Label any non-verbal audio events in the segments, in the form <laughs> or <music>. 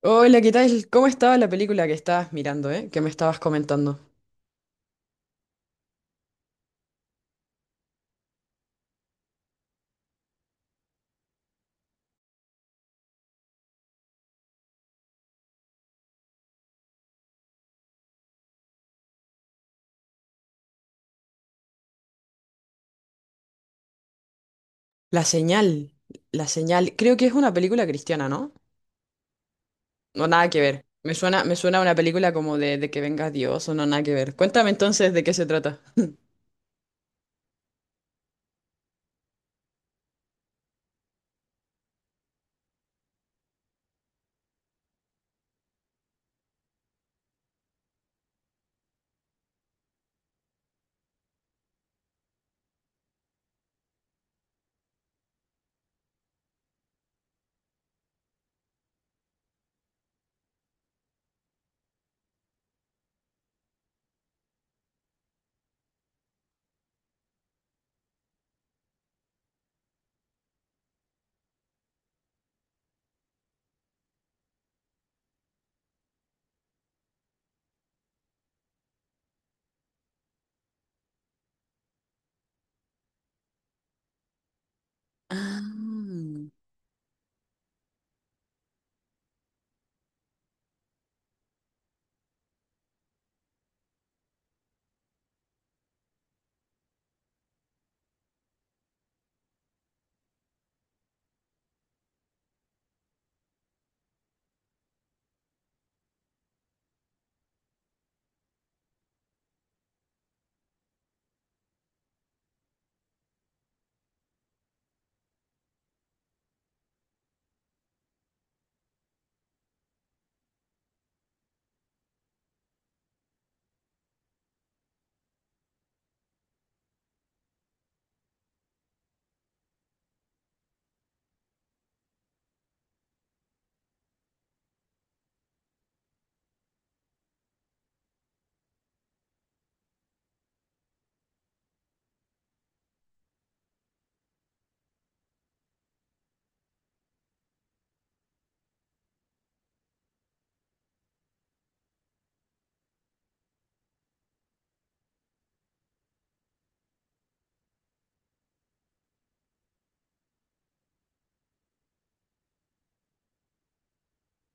Hola, ¿qué tal? ¿Cómo estaba la película que estabas mirando, Que me estabas comentando. La señal, la señal. Creo que es una película cristiana, ¿no? No, nada que ver. Me suena a una película como de que venga Dios o no, nada que ver. Cuéntame entonces de qué se trata. Ah.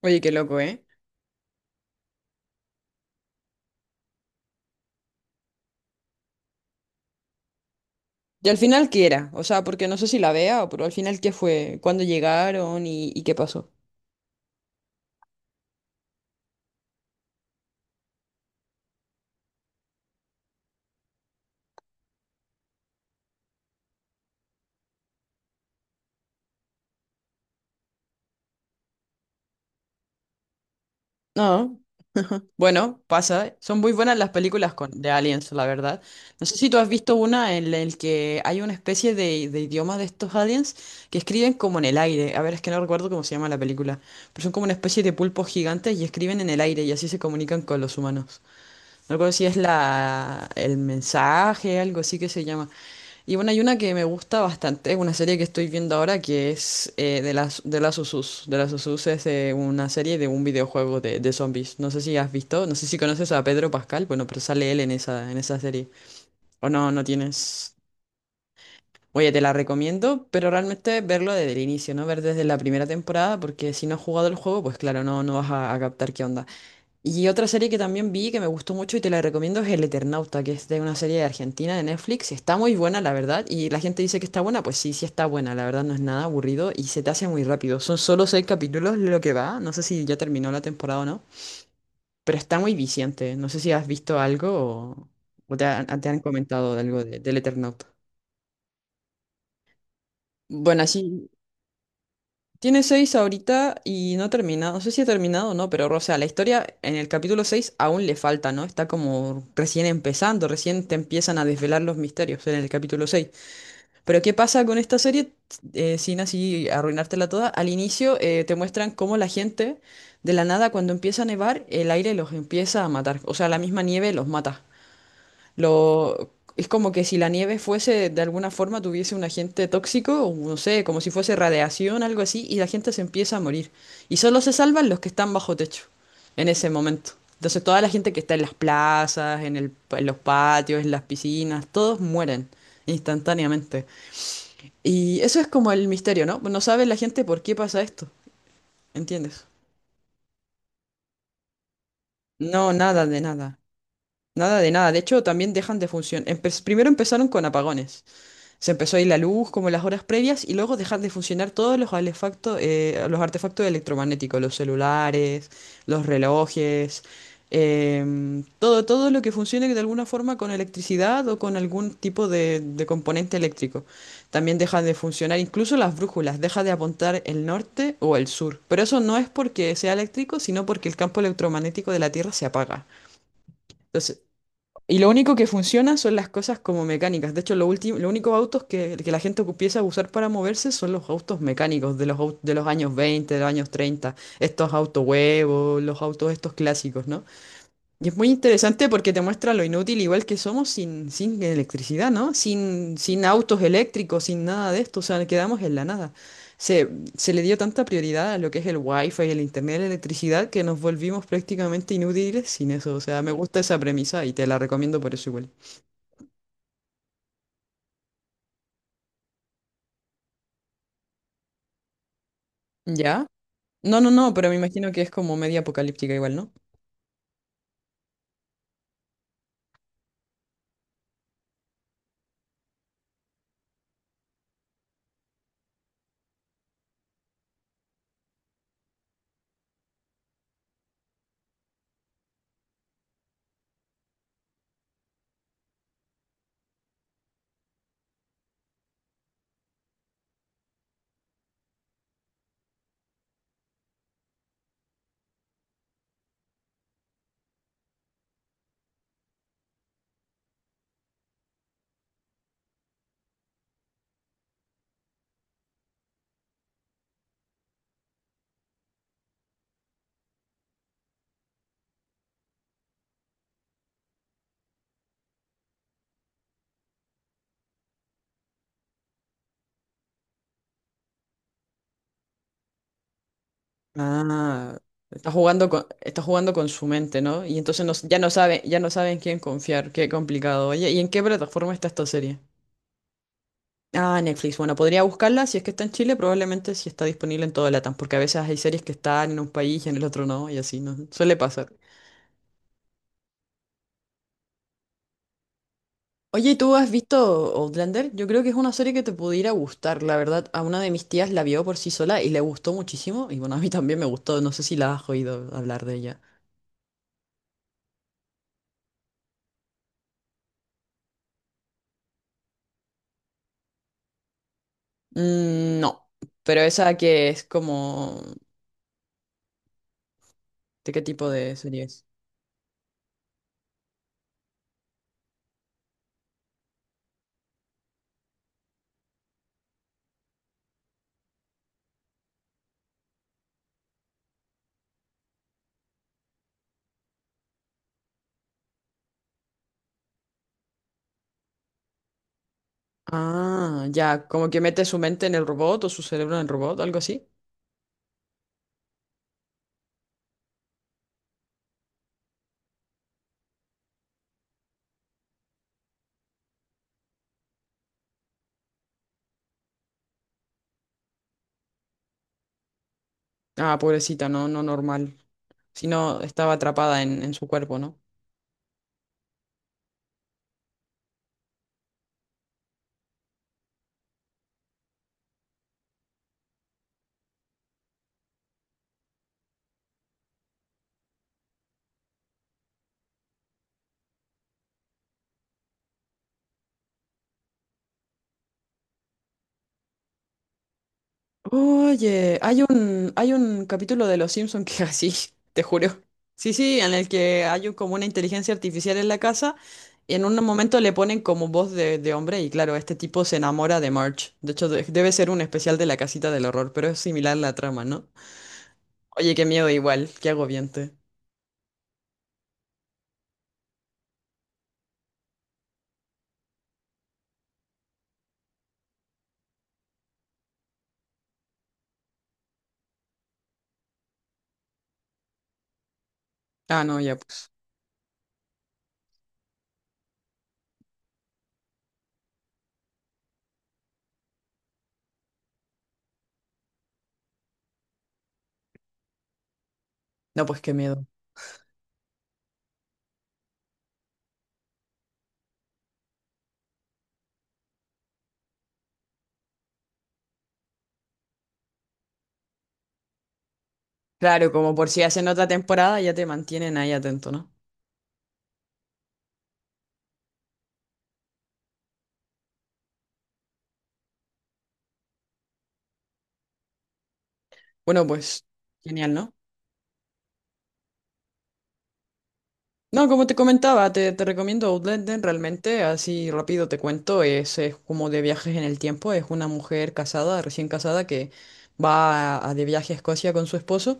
Oye, qué loco, ¿eh? Y al final, ¿qué era? O sea, porque no sé si la vea, pero al final, ¿qué fue? ¿Cuándo llegaron y qué pasó? No. Bueno, pasa. Son muy buenas las películas de aliens, la verdad. No sé si tú has visto una en la que hay una especie de idioma de estos aliens que escriben como en el aire. A ver, es que no recuerdo cómo se llama la película. Pero son como una especie de pulpos gigantes y escriben en el aire y así se comunican con los humanos. No recuerdo si es la, el mensaje, algo así que se llama. Y bueno, hay una que me gusta bastante, es una serie que estoy viendo ahora que es de las Usus. De las Usus es una serie de un videojuego de zombies. No sé si has visto, no sé si conoces a Pedro Pascal, bueno, pero sale él en esa serie. O no, no tienes. Oye, te la recomiendo, pero realmente verlo desde el inicio, ¿no? Ver desde la primera temporada, porque si no has jugado el juego, pues claro, no vas a captar qué onda. Y otra serie que también vi que me gustó mucho y te la recomiendo es El Eternauta, que es de una serie de Argentina de Netflix. Está muy buena, la verdad. Y la gente dice que está buena, pues sí, sí está buena. La verdad no es nada aburrido y se te hace muy rápido. Son solo 6 capítulos lo que va. No sé si ya terminó la temporada o no. Pero está muy viciante. No sé si has visto algo o, o te han comentado algo de- del Eternauta. Bueno, así. Tiene 6 ahorita y no ha terminado. No sé si ha terminado o no, pero o sea, la historia en el capítulo 6 aún le falta, ¿no? Está como recién empezando, recién te empiezan a desvelar los misterios en el capítulo 6. Pero ¿qué pasa con esta serie? Sin así arruinártela toda. Al inicio te muestran cómo la gente, de la nada, cuando empieza a nevar, el aire los empieza a matar. O sea, la misma nieve los mata. Lo, es como que si la nieve fuese, de alguna forma, tuviese un agente tóxico, o no sé, como si fuese radiación, algo así, y la gente se empieza a morir. Y solo se salvan los que están bajo techo en ese momento. Entonces toda la gente que está en las plazas, en los patios, en las piscinas, todos mueren instantáneamente. Y eso es como el misterio, ¿no? No sabe la gente por qué pasa esto, ¿entiendes? No, nada de nada. Nada de nada. De hecho, también dejan de funcionar. Primero empezaron con apagones. Se empezó a ir la luz como las horas previas y luego dejar de funcionar todos los artefactos los artefactos electromagnéticos, los celulares, los relojes, todo, todo lo que funcione de alguna forma con electricidad o con algún tipo de componente eléctrico. También dejan de funcionar incluso las brújulas, deja de apuntar el norte o el sur. Pero eso no es porque sea eléctrico, sino porque el campo electromagnético de la Tierra se apaga. Entonces, lo único que funciona son las cosas como mecánicas. De hecho, lo último, los únicos autos que la gente empieza a usar para moverse son los autos mecánicos de los, au- de los años 20, de los años 30. Estos autos huevos, los autos estos clásicos, ¿no? Y es muy interesante porque te muestra lo inútil igual que somos sin electricidad, ¿no? Sin autos eléctricos, sin nada de esto, o sea, quedamos en la nada. Se, Se le dio tanta prioridad a lo que es el wifi, el internet, la electricidad, que nos volvimos prácticamente inútiles sin eso. O sea, me gusta esa premisa y te la recomiendo por eso igual. ¿Ya? No, pero me imagino que es como media apocalíptica igual, ¿no? Ah, está jugando con su mente, ¿no? Y entonces no s- ya no sabe, ya no saben quién confiar, qué complicado. Oye, ¿y en qué plataforma está esta serie? Ah, Netflix. Bueno, podría buscarla si es que está en Chile, probablemente si está disponible en toda Latam, porque a veces hay series que están en un país y en el otro no, y así no suele pasar. Oye, ¿y tú has visto Outlander? Yo creo que es una serie que te pudiera gustar. La verdad, a una de mis tías la vio por sí sola y le gustó muchísimo. Y bueno, a mí también me gustó. No sé si la has oído hablar de ella. Mm, no, pero esa que es como... ¿De qué tipo de serie es? Ah, ya, como que mete su mente en el robot o su cerebro en el robot, algo así. Ah, pobrecita, no, no normal. Si no estaba atrapada en su cuerpo, ¿no? Oye, hay un capítulo de Los Simpson que <laughs> así, te juro. Sí, sí, en el que hay un- como una inteligencia artificial en la casa y en un momento le ponen como voz de hombre y claro, este tipo se enamora de Marge. De hecho, de- debe ser un especial de la casita del horror, pero es similar la trama, ¿no? Oye, qué miedo igual, qué agobiante. Ah, no, ya pues. No, pues qué miedo. Claro, como por si hacen otra temporada ya te mantienen ahí atento, ¿no? Bueno, pues, genial, ¿no? No, como te comentaba, te recomiendo Outlander, realmente, así rápido te cuento, es como de viajes en el tiempo, es una mujer casada, recién casada, que va a de viaje a Escocia con su esposo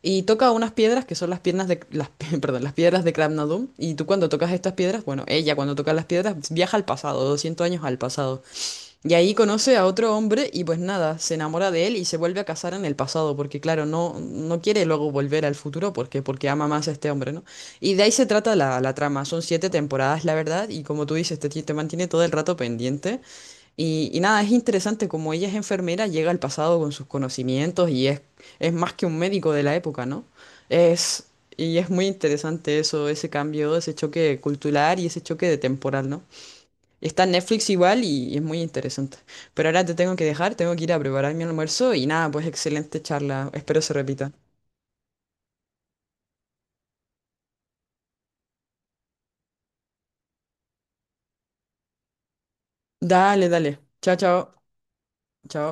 y toca unas piedras que son las piernas de las, pi- <laughs> perdón, las piedras de Cram y tú cuando tocas estas piedras, bueno, ella cuando toca las piedras viaja al pasado, 200 años al pasado. Y ahí conoce a otro hombre y pues nada, se enamora de él y se vuelve a casar en el pasado, porque claro, no quiere luego volver al futuro porque, porque ama más a este hombre, ¿no? Y de ahí se trata la, la trama, son 7 temporadas, la verdad, y como tú dices, te mantiene todo el rato pendiente. Y nada, es interesante como ella es enfermera, llega al pasado con sus conocimientos y es más que un médico de la época, ¿no? Es, y es muy interesante eso, ese cambio, ese choque cultural y ese choque de temporal, ¿no? Está en Netflix igual y es muy interesante. Pero ahora te tengo que dejar, tengo que ir a preparar mi almuerzo y nada, pues excelente charla. Espero se repita. Dale, dale. Chao, chao. Chao.